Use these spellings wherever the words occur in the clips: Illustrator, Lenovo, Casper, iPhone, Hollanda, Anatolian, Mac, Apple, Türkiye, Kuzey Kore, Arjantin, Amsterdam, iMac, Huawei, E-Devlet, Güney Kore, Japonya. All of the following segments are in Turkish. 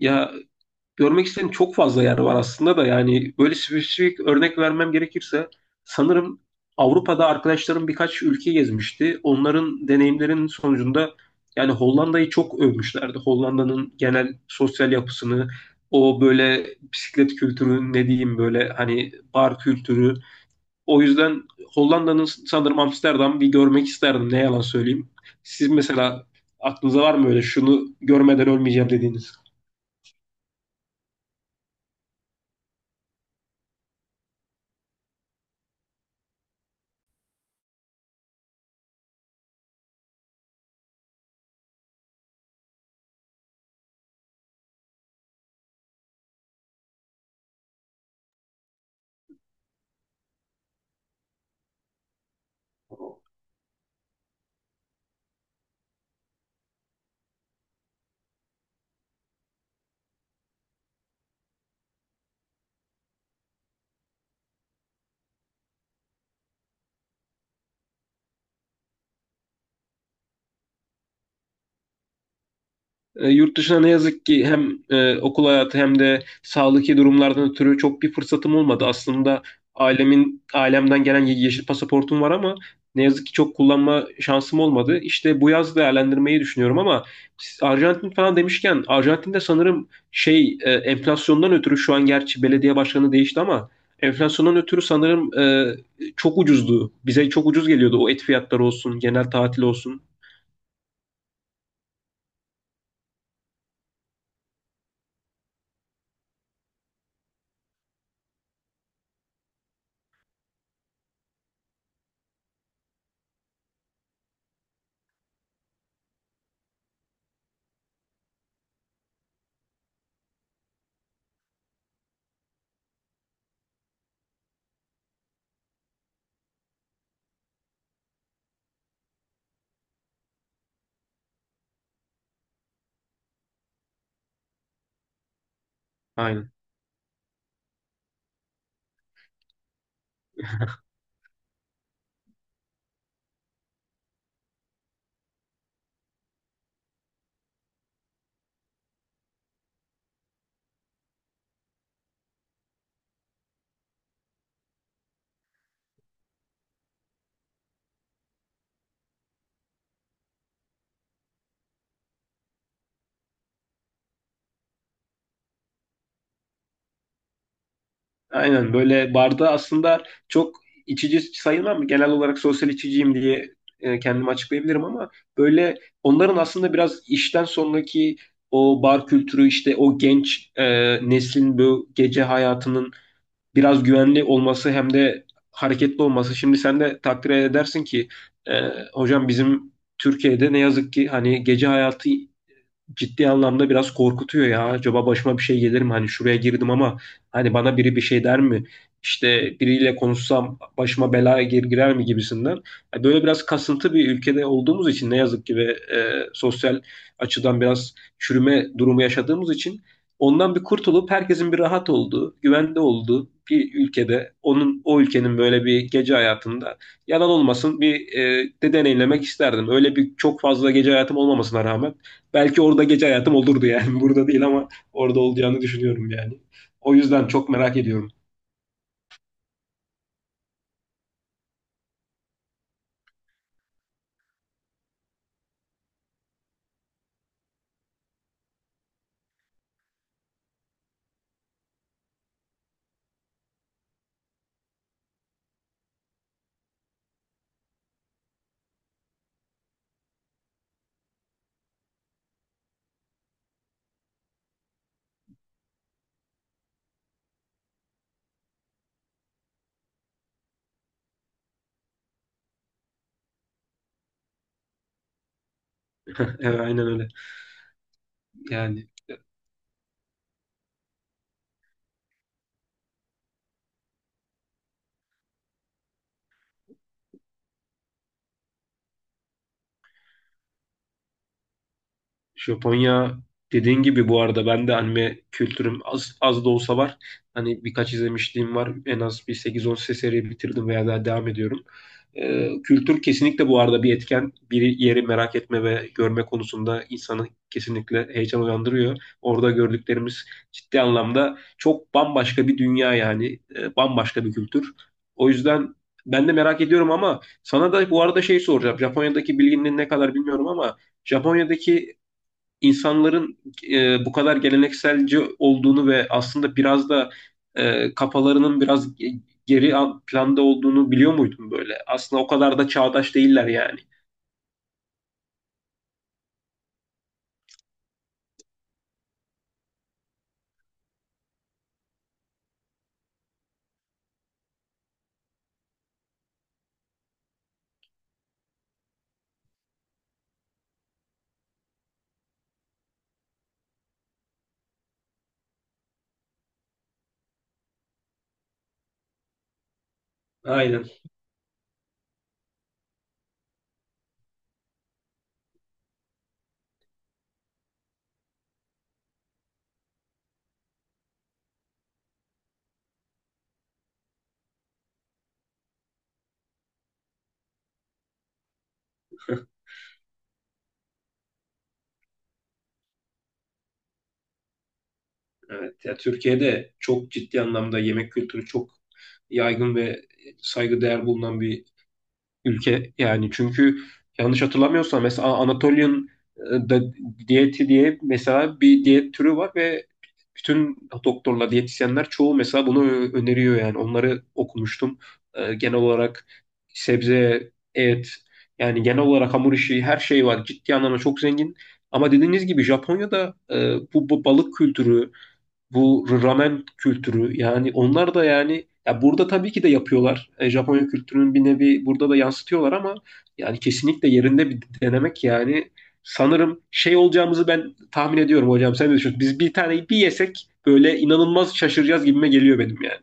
Ya görmek istediğim çok fazla yer var aslında da yani böyle spesifik örnek vermem gerekirse sanırım Avrupa'da arkadaşlarım birkaç ülke gezmişti. Onların deneyimlerinin sonucunda yani Hollanda'yı çok övmüşlerdi. Hollanda'nın genel sosyal yapısını, o böyle bisiklet kültürü ne diyeyim böyle hani bar kültürü. O yüzden Hollanda'nın sanırım Amsterdam bir görmek isterdim ne yalan söyleyeyim. Siz mesela aklınıza var mı öyle şunu görmeden ölmeyeceğim dediğiniz? Yurt dışına ne yazık ki hem okul hayatı hem de sağlıklı durumlardan ötürü çok bir fırsatım olmadı. Aslında ailemden gelen yeşil pasaportum var ama ne yazık ki çok kullanma şansım olmadı. İşte bu yaz değerlendirmeyi düşünüyorum ama siz Arjantin falan demişken Arjantin'de sanırım şey enflasyondan ötürü şu an gerçi belediye başkanı değişti ama enflasyondan ötürü sanırım çok ucuzdu. Bize çok ucuz geliyordu o et fiyatları olsun, genel tatil olsun. Aynen. Aynen böyle barda aslında çok içici sayılmam. Genel olarak sosyal içiciyim diye kendimi açıklayabilirim ama böyle onların aslında biraz işten sonraki o bar kültürü işte o genç neslin bu gece hayatının biraz güvenli olması hem de hareketli olması. Şimdi sen de takdir edersin ki e, hocam bizim Türkiye'de ne yazık ki hani gece hayatı ciddi anlamda biraz korkutuyor ya. Acaba başıma bir şey gelir mi? Hani şuraya girdim ama hani bana biri bir şey der mi? İşte biriyle konuşsam başıma bela girer mi gibisinden. Yani böyle biraz kasıntı bir ülkede olduğumuz için ne yazık ki ve sosyal açıdan biraz çürüme durumu yaşadığımız için ondan bir kurtulup herkesin bir rahat olduğu, güvende olduğu bir ülkede onun o ülkenin böyle bir gece hayatında yalan olmasın bir de deneyimlemek isterdim. Öyle bir çok fazla gece hayatım olmamasına rağmen belki orada gece hayatım olurdu yani. Burada değil ama orada olacağını düşünüyorum yani. O yüzden çok merak ediyorum. Evet, aynen öyle. Yani Japonya dediğin gibi bu arada ben de anime kültürüm az, az da olsa var. Hani birkaç izlemişliğim var. En az bir 8-10 seri bitirdim veya daha devam ediyorum. Kültür kesinlikle bu arada bir etken. Bir yeri merak etme ve görme konusunda insanı kesinlikle heyecan uyandırıyor. Orada gördüklerimiz ciddi anlamda çok bambaşka bir dünya yani. Bambaşka bir kültür. O yüzden ben de merak ediyorum ama sana da bu arada şey soracağım. Japonya'daki bilginin ne kadar bilmiyorum ama Japonya'daki insanların bu kadar gelenekselci olduğunu ve aslında biraz da kafalarının biraz geri planda olduğunu biliyor muydun böyle? Aslında o kadar da çağdaş değiller yani. Aynen. Evet. Ya Türkiye'de çok ciddi anlamda yemek kültürü çok yaygın ve saygıdeğer bulunan bir ülke yani. Çünkü yanlış hatırlamıyorsam mesela Anatolian e, da- diyeti diye mesela bir diyet türü var ve bütün doktorlar, diyetisyenler çoğu mesela bunu öneriyor yani. Onları okumuştum. Genel olarak sebze, et, yani genel olarak hamur işi her şey var. Ciddi anlamda çok zengin. Ama dediğiniz gibi Japonya'da bu balık kültürü, bu ramen kültürü yani onlar da yani ya burada tabii ki de yapıyorlar. E, Japonya kültürünün bir nevi burada da yansıtıyorlar ama yani kesinlikle yerinde bir denemek yani sanırım şey olacağımızı ben tahmin ediyorum hocam. Sen ne düşünüyorsun? Biz bir taneyi bir yesek böyle inanılmaz şaşıracağız gibime geliyor benim yani.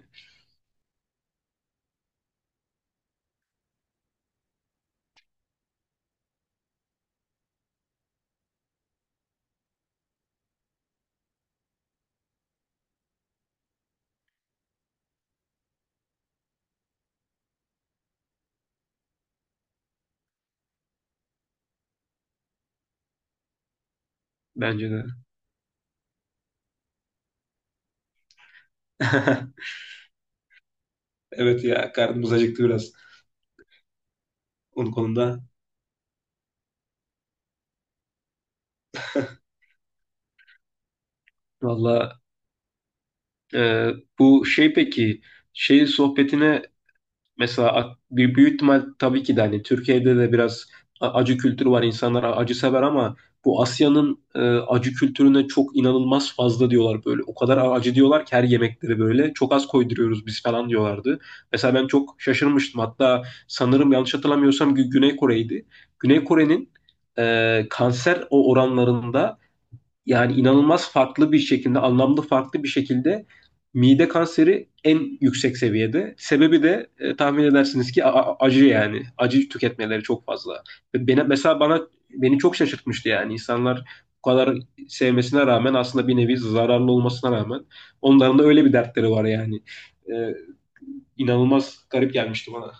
Bence de. Evet ya karnımız acıktı biraz onun konuda. Valla e, bu şey peki şey sohbetine mesela bir büyük ihtimal tabii ki de hani Türkiye'de de biraz acı kültürü var. İnsanlar acı sever ama bu Asya'nın acı kültürüne çok inanılmaz fazla diyorlar böyle. O kadar acı diyorlar ki her yemekleri böyle. Çok az koyduruyoruz biz falan diyorlardı. Mesela ben çok şaşırmıştım. Hatta sanırım yanlış hatırlamıyorsam Güney Kore'ydi. Güney Kore'nin kanser oranlarında yani inanılmaz farklı bir şekilde, anlamlı farklı bir şekilde mide kanseri en yüksek seviyede. Sebebi de tahmin edersiniz ki acı yani. Acı tüketmeleri çok fazla. Ve mesela bana beni çok şaşırtmıştı yani. İnsanlar bu kadar sevmesine rağmen aslında bir nevi zararlı olmasına rağmen onların da öyle bir dertleri var yani. E, inanılmaz garip gelmişti bana.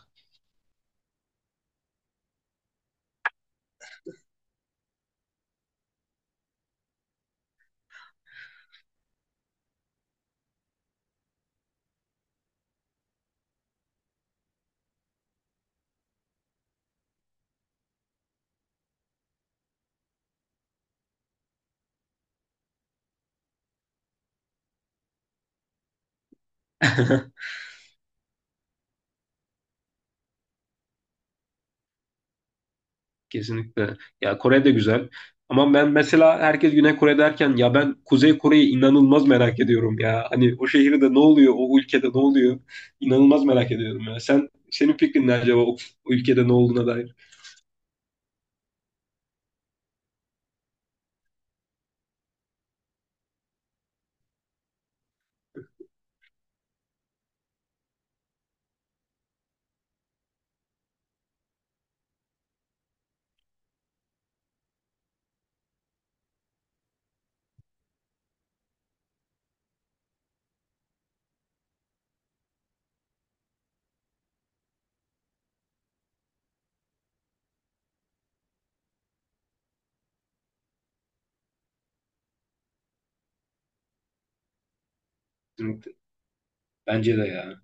Kesinlikle. Ya Kore de güzel. Ama ben mesela herkes Güney Kore derken ya ben Kuzey Kore'yi inanılmaz merak ediyorum ya. Hani o şehirde ne oluyor, o ülkede ne oluyor? İnanılmaz merak ediyorum ya. Senin fikrin ne acaba o ülkede ne olduğuna dair? Kesinlikle. Bence de ya.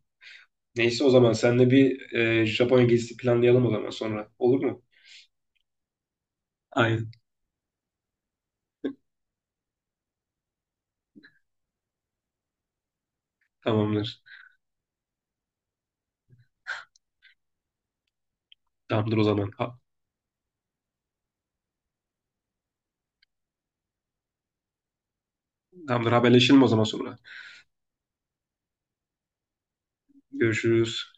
Neyse o zaman seninle bir Japonya gezisi planlayalım o zaman sonra. Olur mu? Aynen. Tamamdır. Tamamdır o zaman. Tamamdır, haberleşelim o zaman sonra. Görüşürüz.